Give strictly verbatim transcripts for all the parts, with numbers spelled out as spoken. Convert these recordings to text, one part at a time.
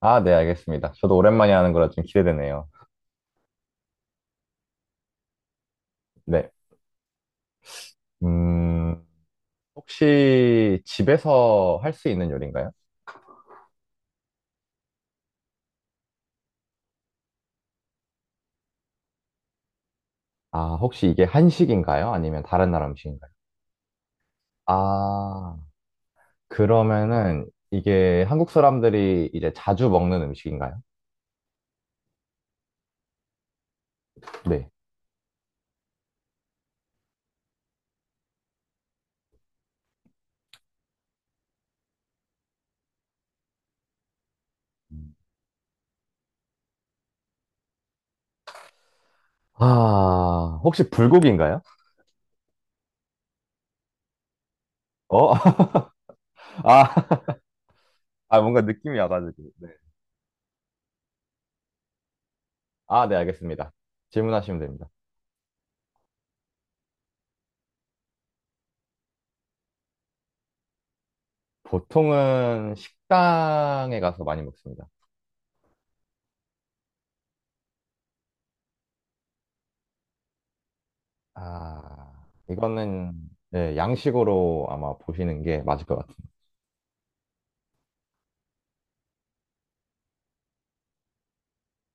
아, 네, 알겠습니다. 저도 오랜만에 하는 거라 좀 기대되네요. 네. 음, 혹시 집에서 할 수 있는 요리인가요? 아, 혹시 이게 한식인가요? 아니면 다른 나라 음식인가요? 아, 그러면은 이게 한국 사람들이 이제 자주 먹는 음식인가요? 네. 아, 혹시 불고기인가요? 어? 아, 아, 뭔가 느낌이 와가지고. 네. 아, 네, 알겠습니다. 질문하시면 됩니다. 보통은 식당에 가서 많이 먹습니다. 아, 이거는 예, 양식으로 아마 보시는 게 맞을 것 같아요.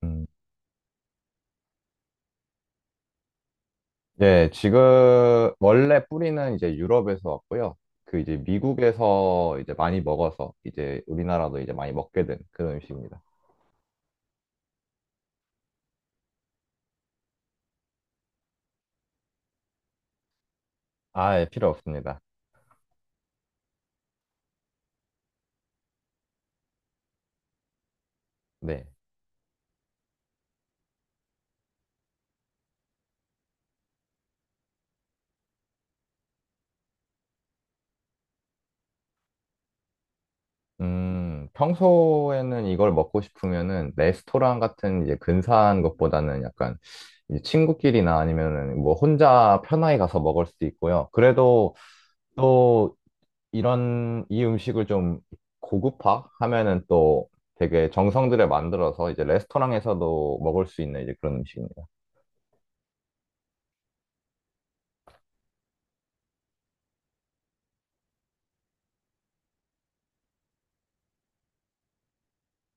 음, 예, 지금 원래 뿌리는 이제 유럽에서 왔고요. 그 이제 미국에서 이제 많이 먹어서 이제 우리나라도 이제 많이 먹게 된 그런 음식입니다. 아, 예, 필요 없습니다. 네. 음, 평소에는 이걸 먹고 싶으면은 레스토랑 같은 이제 근사한 것보다는 약간 이제 친구끼리나 아니면은 뭐 혼자 편하게 가서 먹을 수도 있고요. 그래도 또 이런 이 음식을 좀 고급화 하면은 또 되게 정성들여 만들어서 이제 레스토랑에서도 먹을 수 있는 이제 그런 음식입니다.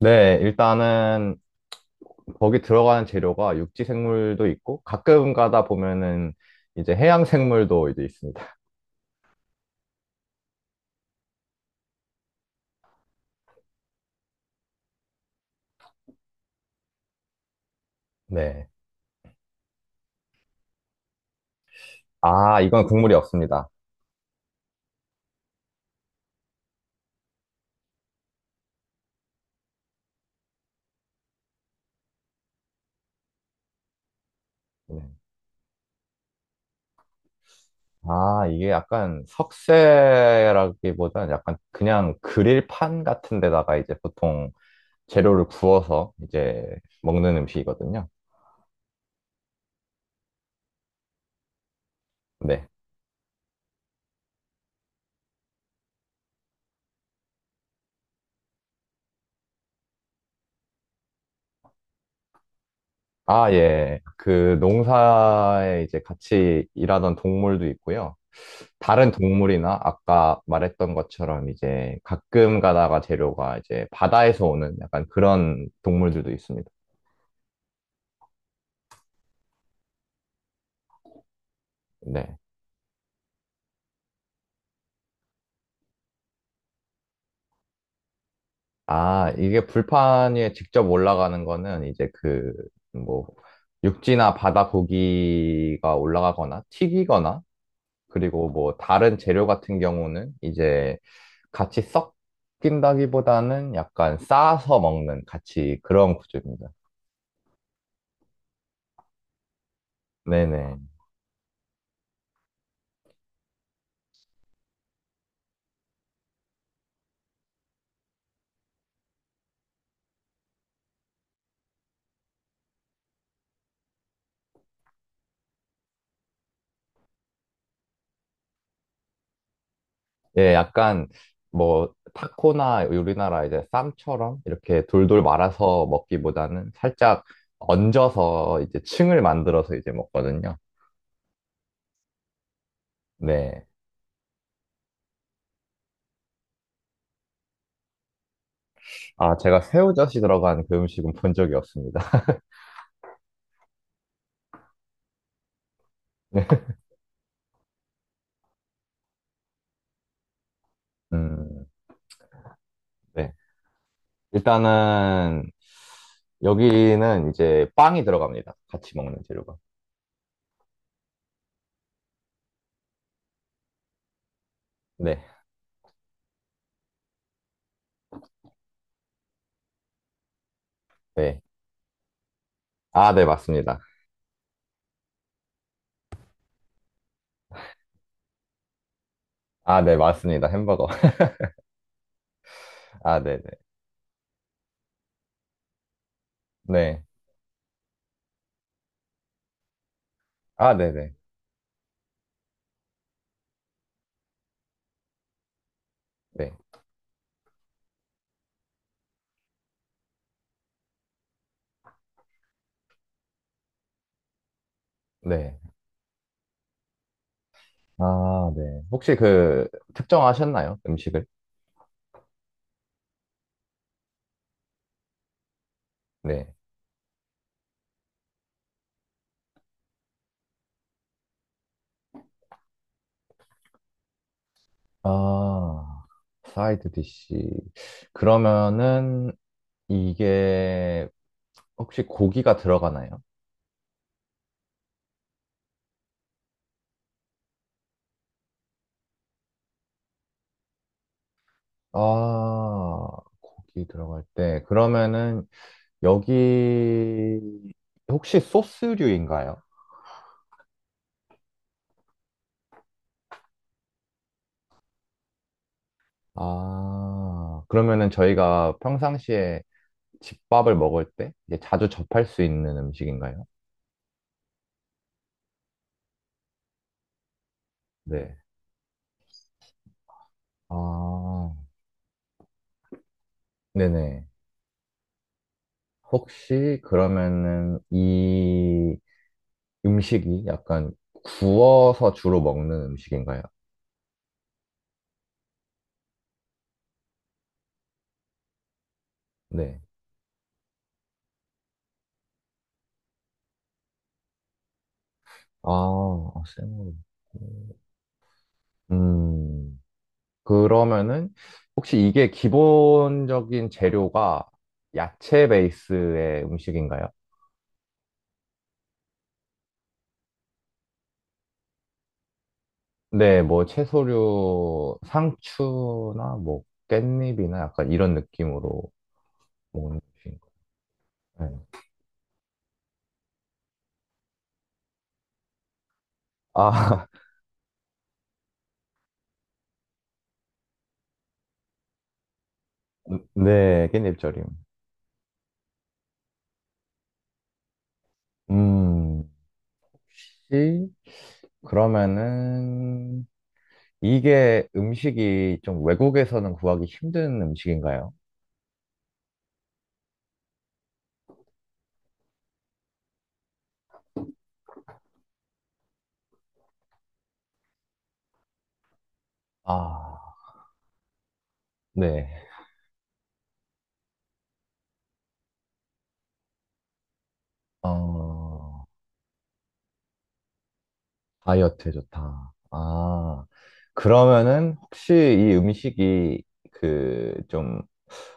네, 일단은 거기 들어가는 재료가 육지 생물도 있고 가끔 가다 보면은 이제 해양 생물도 이제 있습니다. 네. 아, 이건 국물이 없습니다. 네. 아, 이게 약간 석쇠라기보다는 약간 그냥 그릴판 같은 데다가 이제 보통 재료를 구워서 이제 먹는 음식이거든요. 네. 아, 예. 그 농사에 이제 같이 일하던 동물도 있고요. 다른 동물이나 아까 말했던 것처럼 이제 가끔 가다가 재료가 이제 바다에서 오는 약간 그런 동물들도 있습니다. 네. 아, 이게 불판 위에 직접 올라가는 거는 이제 그, 뭐, 육지나 바다 고기가 올라가거나 튀기거나 그리고 뭐 다른 재료 같은 경우는 이제 같이 섞인다기보다는 약간 싸서 먹는 같이 그런 구조입니다. 네네. 예, 약간 뭐 타코나 우리나라 이제 쌈처럼 이렇게 돌돌 말아서 먹기보다는 살짝 얹어서 이제 층을 만들어서 이제 먹거든요. 네. 아, 제가 새우젓이 들어간 그 음식은 본 적이 없습니다. 음, 네. 일단은 여기는 이제 빵이 들어갑니다. 같이 먹는 재료가. 네. 네. 아, 네, 맞습니다. 아, 네, 맞습니다. 햄버거. 아, 네네. 네. 아, 네네. 네. 네. 아, 네. 혹시 그, 특정하셨나요? 음식을? 네. 아, 사이드 디시. 그러면은, 이게, 혹시 고기가 들어가나요? 아, 고기 들어갈 때. 그러면은, 여기, 혹시 소스류인가요? 아, 그러면은 저희가 평상시에 집밥을 먹을 때 이제 자주 접할 수 있는 음식인가요? 네. 아, 네네. 혹시 그러면은 이 음식이 약간 구워서 주로 먹는 음식인가요? 네. 아, 아, 생으로. 음, 그러면은 혹시 이게 기본적인 재료가 야채 베이스의 음식인가요? 네, 뭐 채소류, 상추나 뭐 깻잎이나 약간 이런 느낌으로 먹는 것인가? 네. 아, 네, 깻잎절임. 음, 혹시 그러면은 이게 음식이 좀 외국에서는 구하기 힘든 음식인가요? 아, 네. 어, 다이어트에 좋다. 아, 그러면은 혹시 이 음식이 그 좀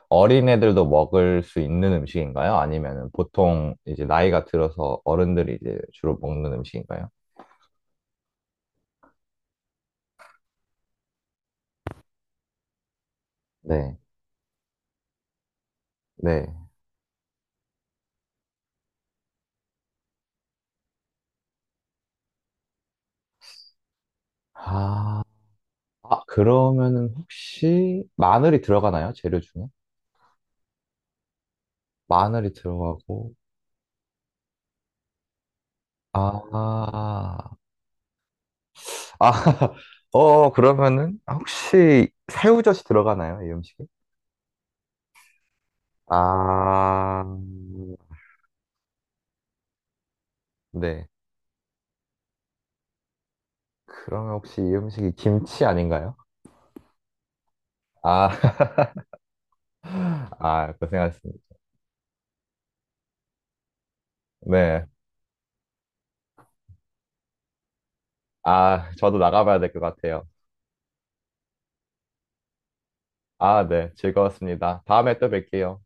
어린애들도 먹을 수 있는 음식인가요? 아니면 보통 이제 나이가 들어서 어른들이 이제 주로 먹는 음식인가요? 네, 네. 아, 아, 그러면은 혹시 마늘이 들어가나요? 재료 중에? 마늘이 들어가고, 아, 아, 어, 그러면은 혹시 새우젓이 들어가나요? 이 음식에? 아, 네. 그러면 혹시 이 음식이 김치 아닌가요? 아, 아, 고생하셨습니다. 네. 아, 저도 나가봐야 될 것 같아요. 아, 네. 즐거웠습니다. 다음에 또 뵐게요.